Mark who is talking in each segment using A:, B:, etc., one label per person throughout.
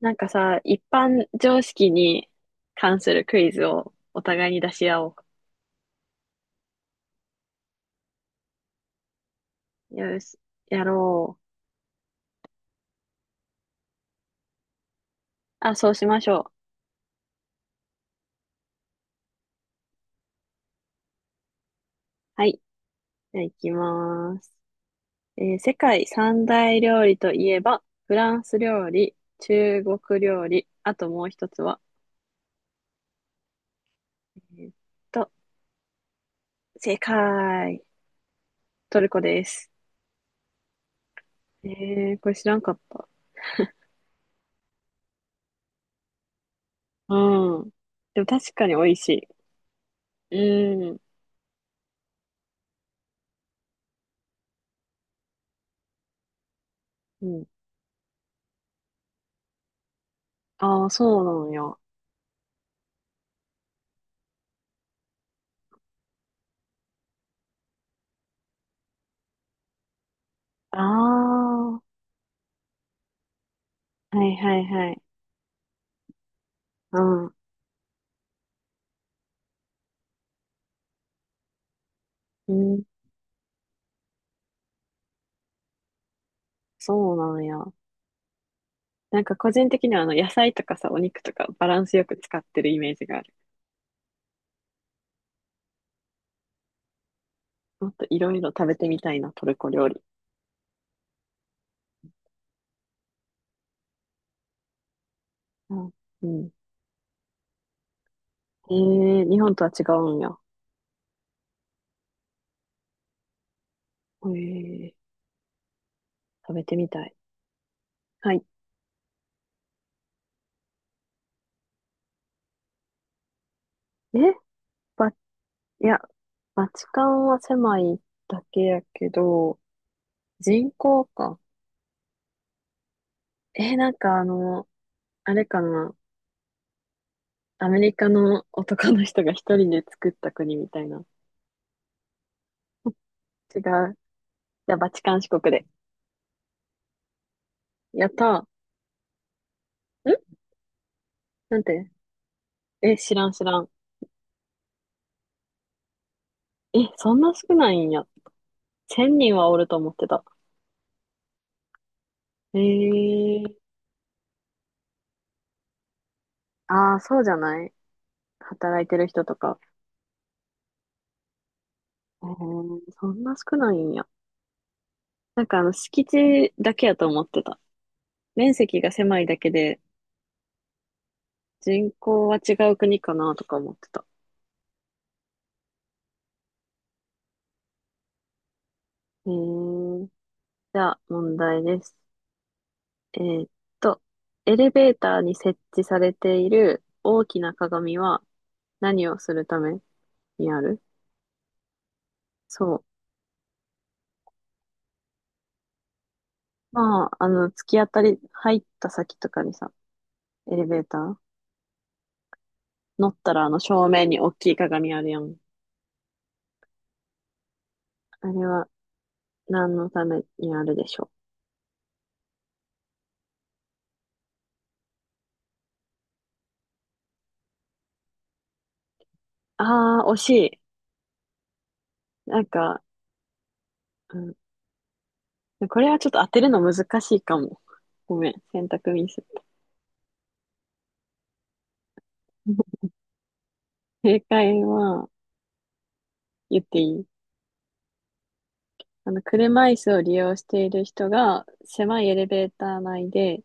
A: なんかさ、一般常識に関するクイズをお互いに出し合おう。よし、やろう。あ、そうしましょう。はい。じゃあ行きます。世界三大料理といえば、フランス料理、中国料理、あともう一つは、えーっと、正解。トルコです。えー、これ知らんかった。うん。でも確かに美味しい。うん。うん。ああ、そうなのよ。ああ、はいはいはい。ああ、うん、そうなんや。なんか個人的には野菜とかさ、お肉とかバランスよく使ってるイメージがある。もっといろいろ食べてみたいな、トルコ料理。うん。うん。ええ、日本とは違うんや。ええ、食べてみたい。はい。えいや、バチカンは狭いだけやけど、人口か。なんかあれかな。アメリカの男の人が一人で作った国みたいな。違う。じゃあ、バチカン四国で。やったー。んなんてえ、知らん知らん。え、そんな少ないんや。千人はおると思ってた。ええー、ああー、そうじゃない、働いてる人とか。えー、そんな少ないんや。なんか敷地だけやと思ってた。面積が狭いだけで、人口は違う国かなとか思ってた。えー、じゃあ、問題です。えーっと、エレベーターに設置されている大きな鏡は何をするためにある？そう。まあ、突き当たり、入った先とかにさ、エレベーター乗ったら、正面に大きい鏡あるやん。あれは、何のためにあるでしょう？ああ、惜しい。なんか、うん、これはちょっと当てるの難しいかも。ごめん、選択ミス。正解は、言っていい？車椅子を利用している人が、狭いエレベーター内で、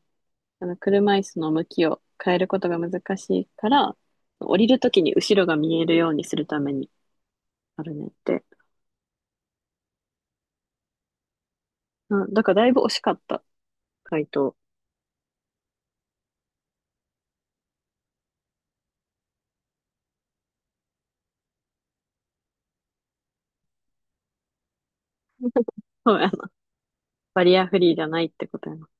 A: 車椅子の向きを変えることが難しいから、降りるときに後ろが見えるようにするためにあるねって。うん、だからだいぶ惜しかった、回答。そう、バリアフリーじゃないって答えます。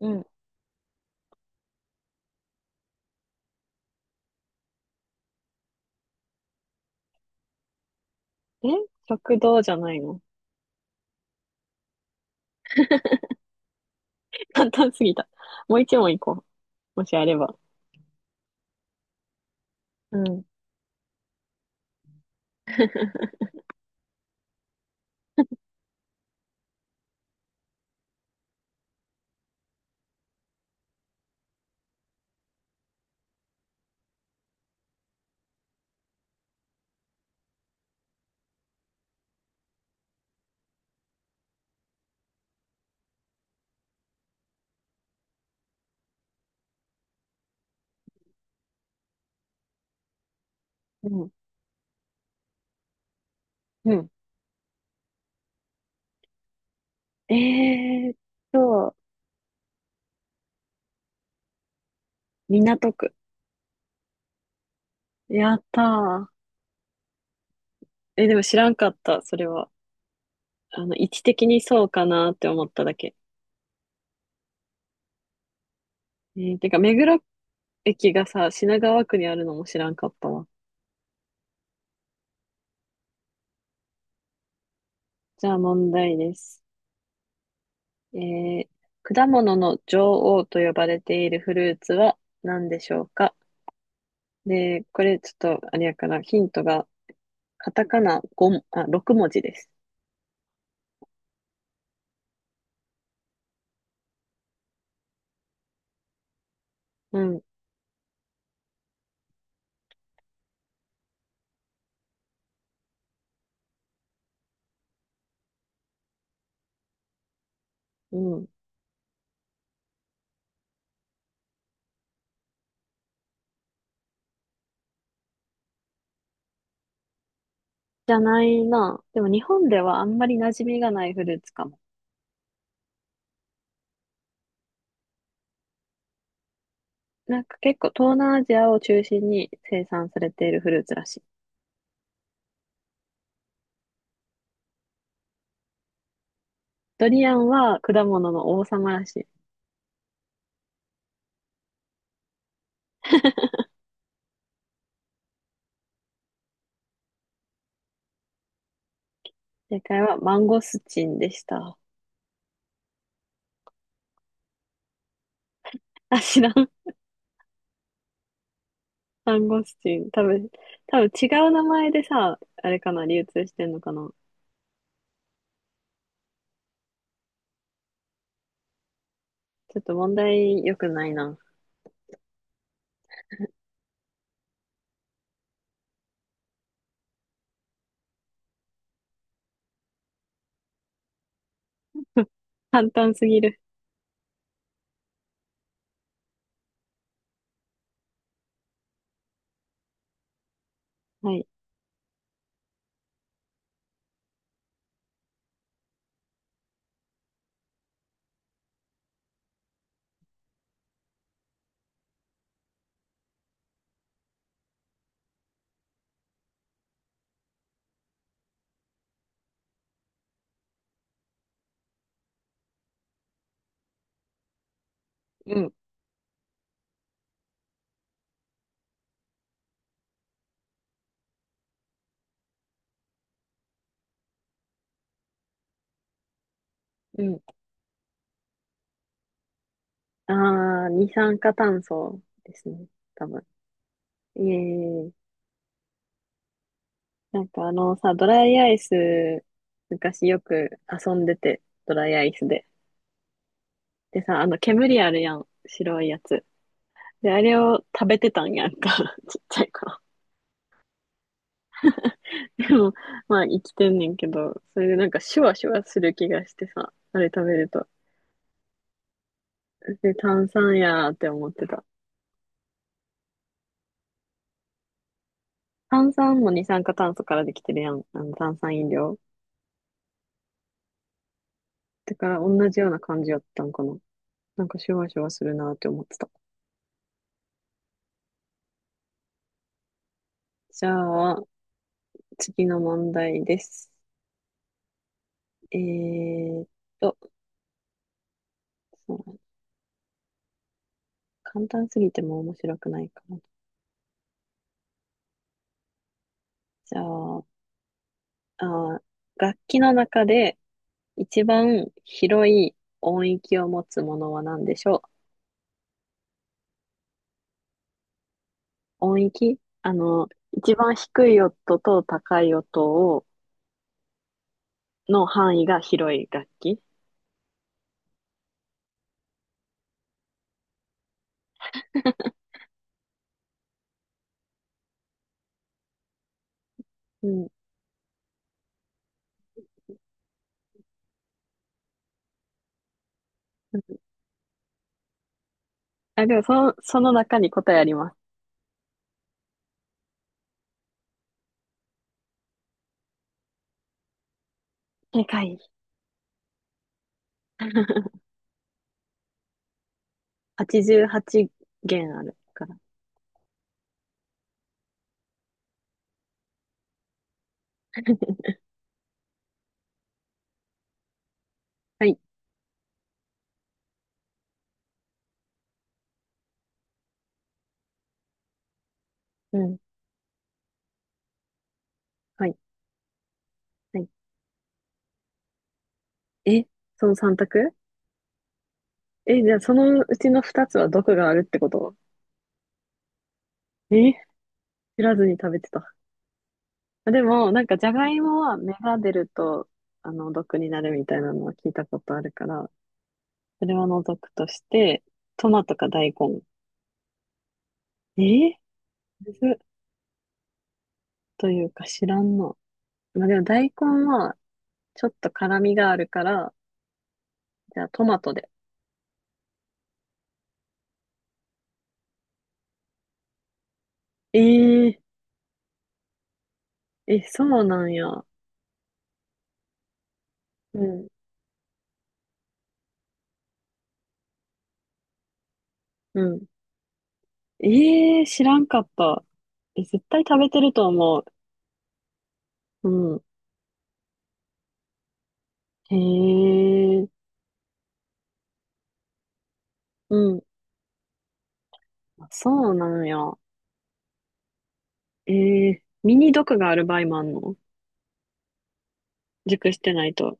A: うん。え、食堂じゃないの？簡単すぎた。もう一問いこう。もしあれば。うん。うん。うん。えーっと、港区。やったー。え、でも知らんかった、それは。位置的にそうかなって思っただけ。てか、目黒駅がさ、品川区にあるのも知らんかったわ。じゃあ問題です。えー、果物の女王と呼ばれているフルーツは何でしょうか？で、これちょっと、あれやから、ヒントが、カタカナ5も、あ、6文字です。うん、うん。じゃないな。でも日本ではあんまり馴染みがないフルーツかも。なんか結構東南アジアを中心に生産されているフルーツらしい。ドリアンは果物の王様らしい。正解はマンゴスチンでした。あ、知らん、サンゴスチン。多分違う名前でさ、あれかな、流通してんのかな。ちょっと問題良くないな。簡単すぎる。はい。うん、うん。あー、二酸化炭素ですね。多分。えー、なんかあのさ、ドライアイス、昔よく遊んでて、ドライアイスで。でさ、あの煙あるやん。白いやつ。で、あれを食べてたんやんか。ちっちゃい頃。でも、まあ生きてんねんけど、それでなんかシュワシュワする気がしてさ、あれ食べると。で、炭酸やーって思ってた。炭酸も二酸化炭素からできてるやん。あの炭酸飲料。だから同じような感じやったんかな。なんかシュワシュワするなーって思ってた。じゃあ、次の問題です。えーっと、そうだね、簡単すぎても面白くないかな。じゃあ、あー、楽器の中で一番広い音域を持つものは何でしょう？音域、一番低い音と高い音を、の範囲が広い楽器。うん。あ、でもその中に答えあります。正解。88弦あるから。はい。うん。はい。はい。え、その3択？え、じゃあそのうちの2つは毒があるってこと？え、知らずに食べてた。あ、でも、なんかじゃがいもは芽が出ると、毒になるみたいなのは聞いたことあるから、それは除くとして、トマトか大根。えー、むずっというか知らんな。まあ、でも大根はちょっと辛みがあるから、じゃあトマトで。えー、え、そうなんや。うん、うん。えー、知らんかった。え、絶対食べてると思う。うん。へえ、うん。あ、そうなんや。えー、ミニ毒がある場合もあんの？熟してないと？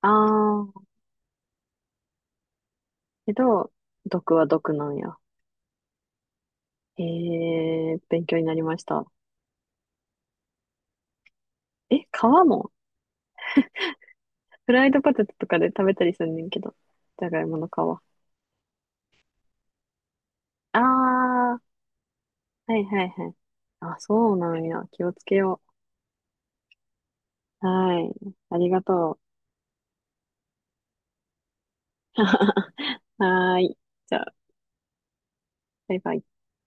A: あー、けど、毒は毒なんや。えー、勉強になりました。え、皮も？フライドポテトとかで食べたりすんねんけど、じゃがいもの皮。ああ、はいはいはい。あ、そうなんや。気をつけよう。はい。ありがとう。はーい。じゃあ、バイバイ。